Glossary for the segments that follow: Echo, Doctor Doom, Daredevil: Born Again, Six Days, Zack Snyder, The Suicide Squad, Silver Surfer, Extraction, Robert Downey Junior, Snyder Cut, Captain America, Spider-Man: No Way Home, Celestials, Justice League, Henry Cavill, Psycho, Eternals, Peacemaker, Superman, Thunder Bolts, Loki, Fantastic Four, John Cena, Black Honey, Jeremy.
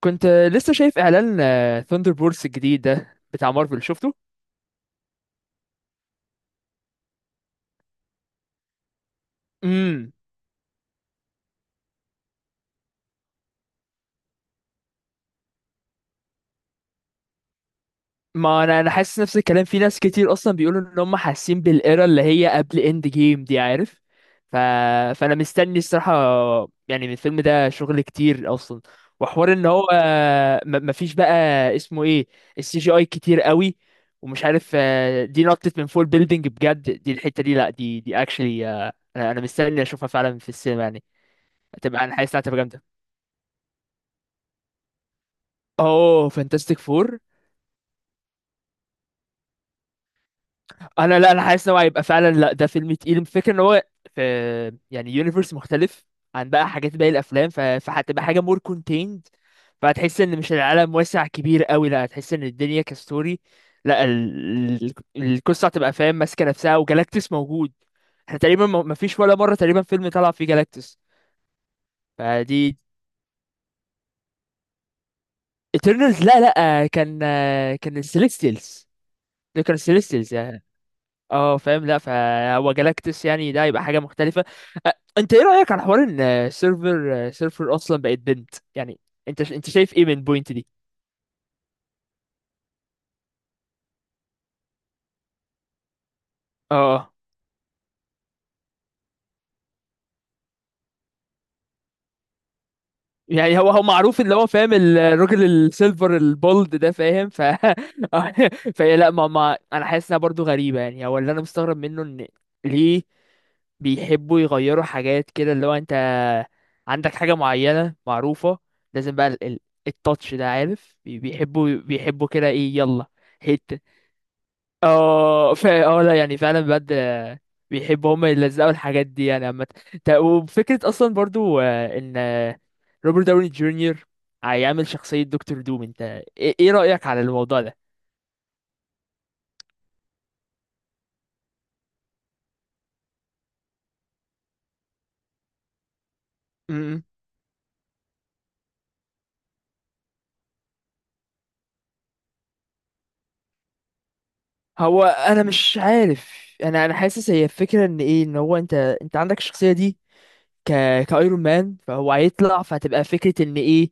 كنت لسه شايف اعلان ثاندر بولز الجديد ده بتاع مارفل شفته. امم ما انا حاسس نفس الكلام، في ناس كتير اصلا بيقولوا ان هم حاسين بالايرا اللي هي قبل اند جيم، دي عارف. ف... فانا مستني الصراحه، يعني من الفيلم ده شغل كتير اصلا. وحوار ان هو ما فيش بقى، اسمه ايه، السي جي اي كتير قوي. ومش عارف، دي نطت من فول بيلدينج بجد، دي الحته دي، لا، دي اكشلي أنا مستني اشوفها فعلا في السينما يعني. هتبقى، انا حاسس انها هتبقى جامدة. اوه، فانتاستيك فور. انا، لا، انا حاسس ان هو هيبقى فعلا، لا، ده فيلم تقيل. الفكره ان هو في، يعني يونيفرس مختلف عن بقى حاجات باقي الافلام، فهتبقى حاجه مور كونتيند. فهتحس ان مش العالم واسع كبير قوي، لا، هتحس ان الدنيا كستوري. لا، ال- القصه هتبقى فاهم، ماسكه نفسها، وجالاكتس موجود. احنا تقريبا ما فيش ولا مره تقريبا فيلم طلع فيه جالاكتس. فدي، ايترنالز، لا لا، كان السيليستيلز، ده كان السيليستيلز. اه فاهم، لا، فهو جالاكتس، يعني ده يبقى حاجه مختلفه. انت ايه رايك على حوار ان سيرفر اصلا بقت بنت يعني؟ انت شايف ايه من بوينت دي؟ اه يعني هو معروف، اللي هو فاهم الراجل السيلفر البولد ده، فاهم؟ فهي، لا، ما انا حاسس انها برضه غريبه. يعني هو اللي انا مستغرب منه، ان ليه بيحبوا يغيروا حاجات كده؟ اللي هو انت عندك حاجة معينة معروفة، لازم بقى التاتش ده، عارف؟ بيحبوا كده، ايه يلا. هيت. اه اه، لا، يعني فعلا بجد، بيحبوا هما يلزقوا الحاجات دي يعني، عامة. وفكرة اصلا برضو، ان روبرت داوني جونيور هيعمل شخصية دكتور دوم، انت إيه رأيك على الموضوع ده؟ امم هو انا مش عارف، انا حاسس هي الفكرة ان ايه، ان هو، انت عندك الشخصية دي، ك كايرون مان، فهو هيطلع، فهتبقى فكرة ان ايه،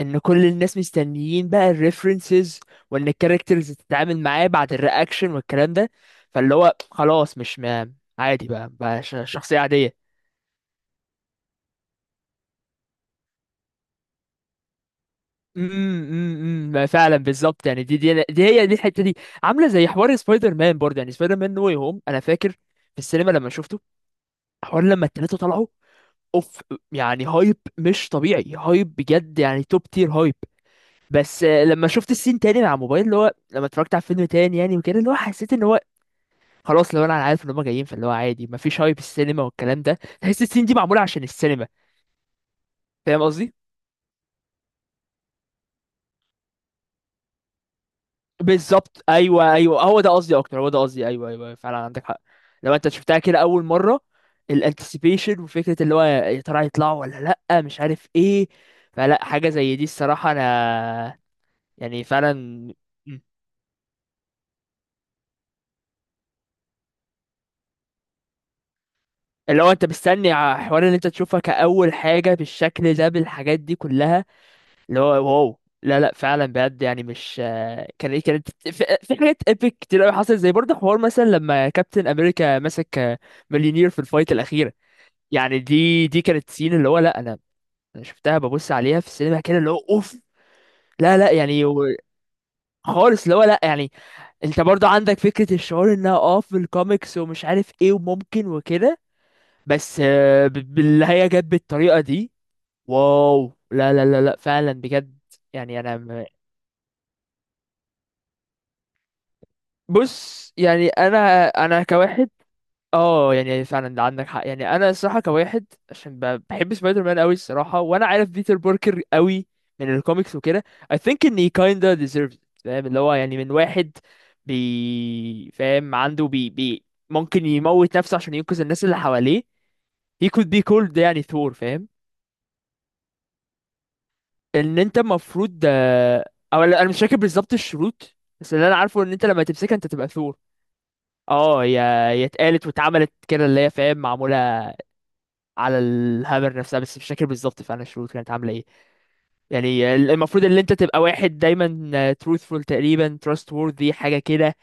ان كل الناس مستنيين بقى الريفرنسز، وان الكاركترز تتعامل معاه بعد الرياكشن والكلام ده. فاللي هو خلاص مش ما، عادي بقى، شخصية عادية. امم، امم، ما فعلا بالظبط، يعني دي هي دي الحته دي. عامله زي حوار سبايدر مان برضه، يعني سبايدر مان نو واي هوم، انا فاكر في السينما لما شفته، حوار لما التلاته طلعوا، اوف. يعني هايب مش طبيعي، هايب بجد، يعني توب تير هايب. بس لما شفت السين تاني مع موبايل، اللي هو لما اتفرجت على فيلم تاني يعني وكده، اللي هو حسيت ان هو خلاص، لو انا عارف ان هم جايين، فاللي هو عادي مفيش هايب، السينما والكلام ده، تحس السين دي معموله عشان السينما، فاهم قصدي؟ بالظبط، ايوه، ايوه، هو ده قصدي اكتر، هو ده قصدي، ايوه، ايوه، أيوه. فعلا عندك حق. لو انت شفتها كده اول مره، الانتسيبيشن وفكره اللي هو يا ترى هيطلعوا ولا لا، مش عارف ايه. فلا، حاجه زي دي الصراحه، انا، يعني فعلا. مم. اللي هو انت مستني حوار ان انت تشوفها كاول حاجه بالشكل ده بالحاجات دي كلها، اللي هو واو، لا لا فعلا بجد. يعني مش، كانت في، في حاجات ايبك كتير قوي حصلت، زي برضه حوار مثلا لما كابتن امريكا مسك مليونير في الفايت الاخيره. يعني دي كانت سين اللي هو لا، انا شفتها ببص عليها في السينما كده، اللي هو اوف. لا لا يعني، خالص، اللي هو لا يعني، انت برضو عندك فكرة، الشعور انها، في الكوميكس ومش عارف ايه، وممكن وكده. بس باللي هي جت بالطريقة دي، واو، لا لا لا لا فعلا بجد. يعني انا بص، يعني انا كواحد. اه يعني فعلا، ده عندك حق. يعني انا الصراحه كواحد، عشان بحب سبايدر مان قوي الصراحه، وانا عارف بيتر باركر قوي من الكوميكس وكده. I think ان he kinda deserves it، فاهم اللي هو؟ يعني من واحد بي، فاهم عنده بي بي، ممكن يموت نفسه عشان ينقذ الناس اللي حواليه، he could be called يعني ثور، فاهم؟ ان انت المفروض، او لا، انا مش فاكر بالظبط الشروط. بس اللي انا عارفه، ان انت لما تمسكها انت تبقى ثور. اه، هي اتقالت واتعملت كده، اللي هي فاهم معموله على الهامر نفسها، بس مش فاكر بالظبط فعلا الشروط كانت عامله ايه. يعني المفروض ان انت تبقى واحد دايما truthful، تقريبا trustworthy، حاجه كده.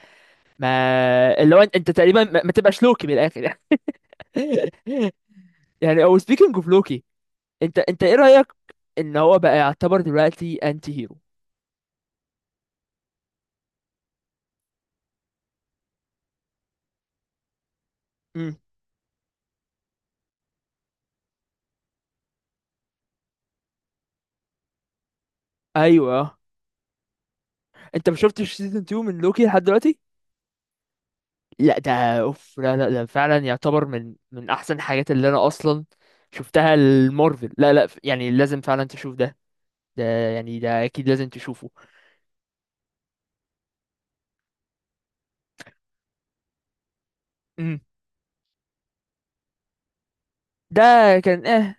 ما اللي هو انت تقريبا ما تبقاش لوكي من الاخر. يعني، او speaking of لوكي، انت ايه رايك ان هو بقى يعتبر دلوقتي انتي هيرو؟ امم، ايوه. انت ما شفتش سيزون 2 من لوكي لحد دلوقتي؟ لا، ده، اوف، لا لا، ده فعلا يعتبر من احسن الحاجات اللي انا اصلا شفتها المارفل. لا لا يعني، لازم فعلا تشوف ده يعني، ده اكيد لازم تشوفه. امم. ده كان،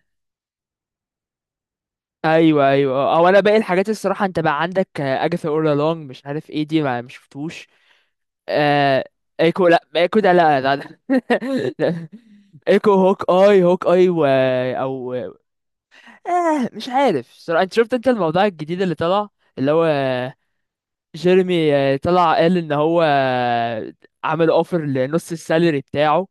ايوه ايوه. او، انا باقي الحاجات الصراحه، انت بقى عندك اجاثا اورا لونج، مش عارف ايه دي، ما مش شفتوش. آه. ايكو، لا، ايكو ده، لا لا, لا. لا. ايكو، هوك اي هوك اي، او مش عارف صراحه. انت شفت الموضوع الجديد اللي طلع، اللي هو جيرمي، طلع قال ان هو، عمل اوفر لنص السالري بتاعه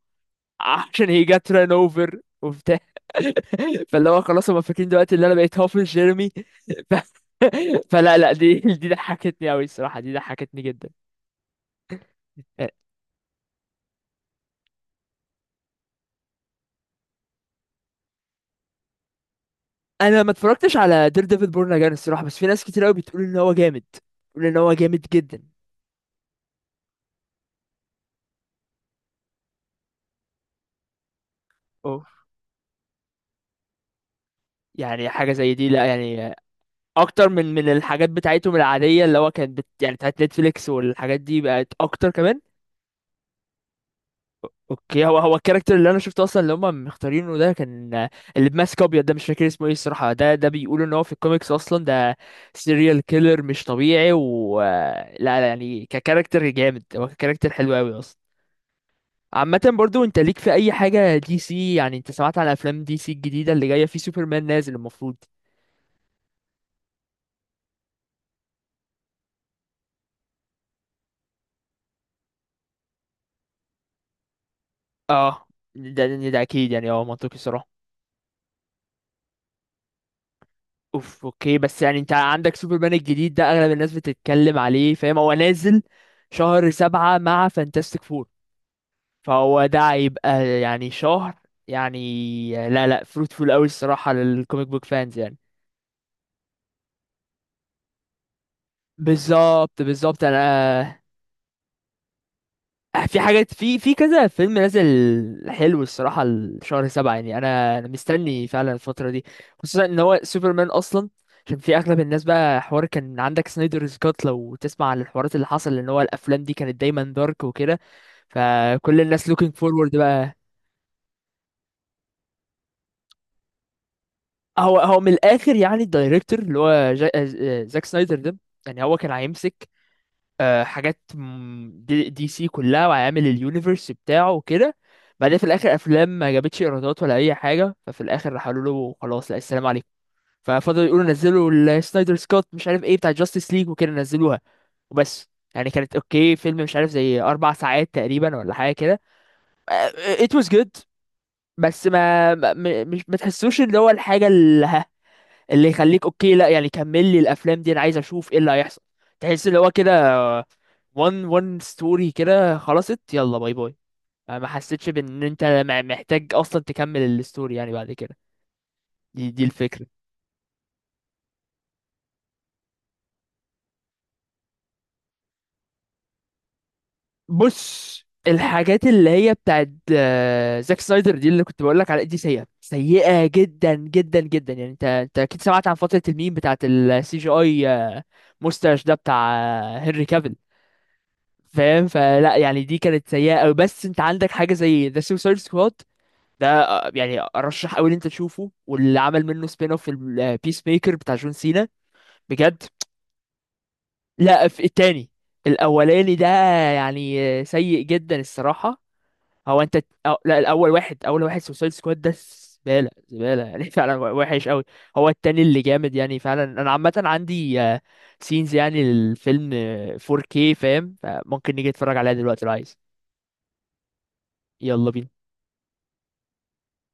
عشان هي جت ران اوفر وبتاع. فاللي هو خلاص، هما فاكرين دلوقتي اللي انا بقيت هافل جيرمي. ف... فلا لا، دي ضحكتني قوي الصراحه، دي ضحكتني جدا. انا ما اتفرجتش على دير ديفل بورن اجان الصراحه، بس في ناس كتير قوي بتقول ان هو جامد، بتقول ان هو جامد جدا. اوف، يعني حاجه زي دي، لا يعني، اكتر من الحاجات بتاعتهم العاديه اللي هو كانت يعني بتاعت نتفليكس، والحاجات دي بقت اكتر كمان. اوكي، هو الكاركتر اللي انا شفته اصلا اللي هم مختارينه ده، كان اللي بماسك ابيض ده، مش فاكر اسمه ايه الصراحه، ده، بيقولوا ان هو في الكوميكس اصلا ده سيريال كيلر مش طبيعي، و لا لا يعني، ككاركتر جامد، هو ككاركتر حلو قوي اصلا. عامة برضو، انت ليك في اي حاجة دي سي يعني؟ انت سمعت عن افلام دي سي الجديدة اللي جاية، في سوبرمان نازل المفروض. اه، ده اكيد، يعني اه منطقي الصراحة. اوف، اوكي، بس يعني انت عندك سوبرمان الجديد ده، اغلب الناس بتتكلم عليه، فاهم؟ هو نازل شهر سبعة مع فانتاستيك فور، فهو ده هيبقى يعني شهر، يعني لا لا فروتفول قوي الصراحة للكوميك بوك فانز يعني. بالظبط بالظبط. انا، في حاجات، في كذا فيلم نازل. حلو الصراحة الشهر سبعة، يعني أنا مستني فعلا الفترة دي، خصوصا إن هو سوبرمان أصلا، عشان في أغلب الناس بقى حوار كان عندك سنايدرز كات، لو تسمع عن الحوارات اللي حصل إن هو الأفلام دي كانت دايما دارك وكده، فكل الناس looking forward بقى. هو من الآخر يعني، الدايركتور اللي هو زاك سنايدر ده، يعني هو كان هيمسك، حاجات، دي سي كلها، وعامل اليونيفرس بتاعه وكده. بعدين في الاخر افلام ما جابتش ايرادات ولا اي حاجه، ففي الاخر راح قالوا له خلاص، لا، السلام عليكم. ففضلوا يقولوا نزلوا السنايدر سكوت، مش عارف ايه بتاع جاستس ليج وكده، نزلوها، وبس. يعني كانت اوكي، فيلم مش عارف زي 4 ساعات تقريبا ولا حاجه كده، آه، it was good. بس مش ما تحسوش اللي هو الحاجه اللي يخليك اوكي، لا يعني كمل لي الافلام دي، انا عايز اشوف ايه اللي هيحصل. تحس اللي هو كده، وان ستوري كده خلصت، يلا باي باي. ما حسيتش بان انت محتاج اصلا تكمل الستوري يعني بعد كده. دي الفكرة. بص، الحاجات اللي هي بتاعت، زاك سنايدر دي اللي كنت بقول لك على دي، سيئة سيئة جدا جدا جدا يعني. انت اكيد سمعت عن فترة الميم بتاعت السي جي اي، مستاش ده بتاع، هنري كافيل، فاهم؟ فلا يعني، دي كانت سيئة أوي. بس انت عندك حاجة زي ذا سوسايد سكواد، ده يعني ارشح قوي ان انت تشوفه، واللي عمل منه سبين اوف البيس ميكر بتاع جون سينا، بجد. لا، في التاني، الاولاني ده يعني سيء جدا الصراحة. هو انت، أو لا، الاول واحد اول واحد سوسايد سكواد ده زبالة، زبالة يعني، فعلا وحش قوي. هو التاني اللي جامد يعني فعلا. انا عامة عندي سينز، يعني الفيلم 4K، فاهم؟ فممكن نيجي نتفرج عليها دلوقتي لو عايز. يلا بينا.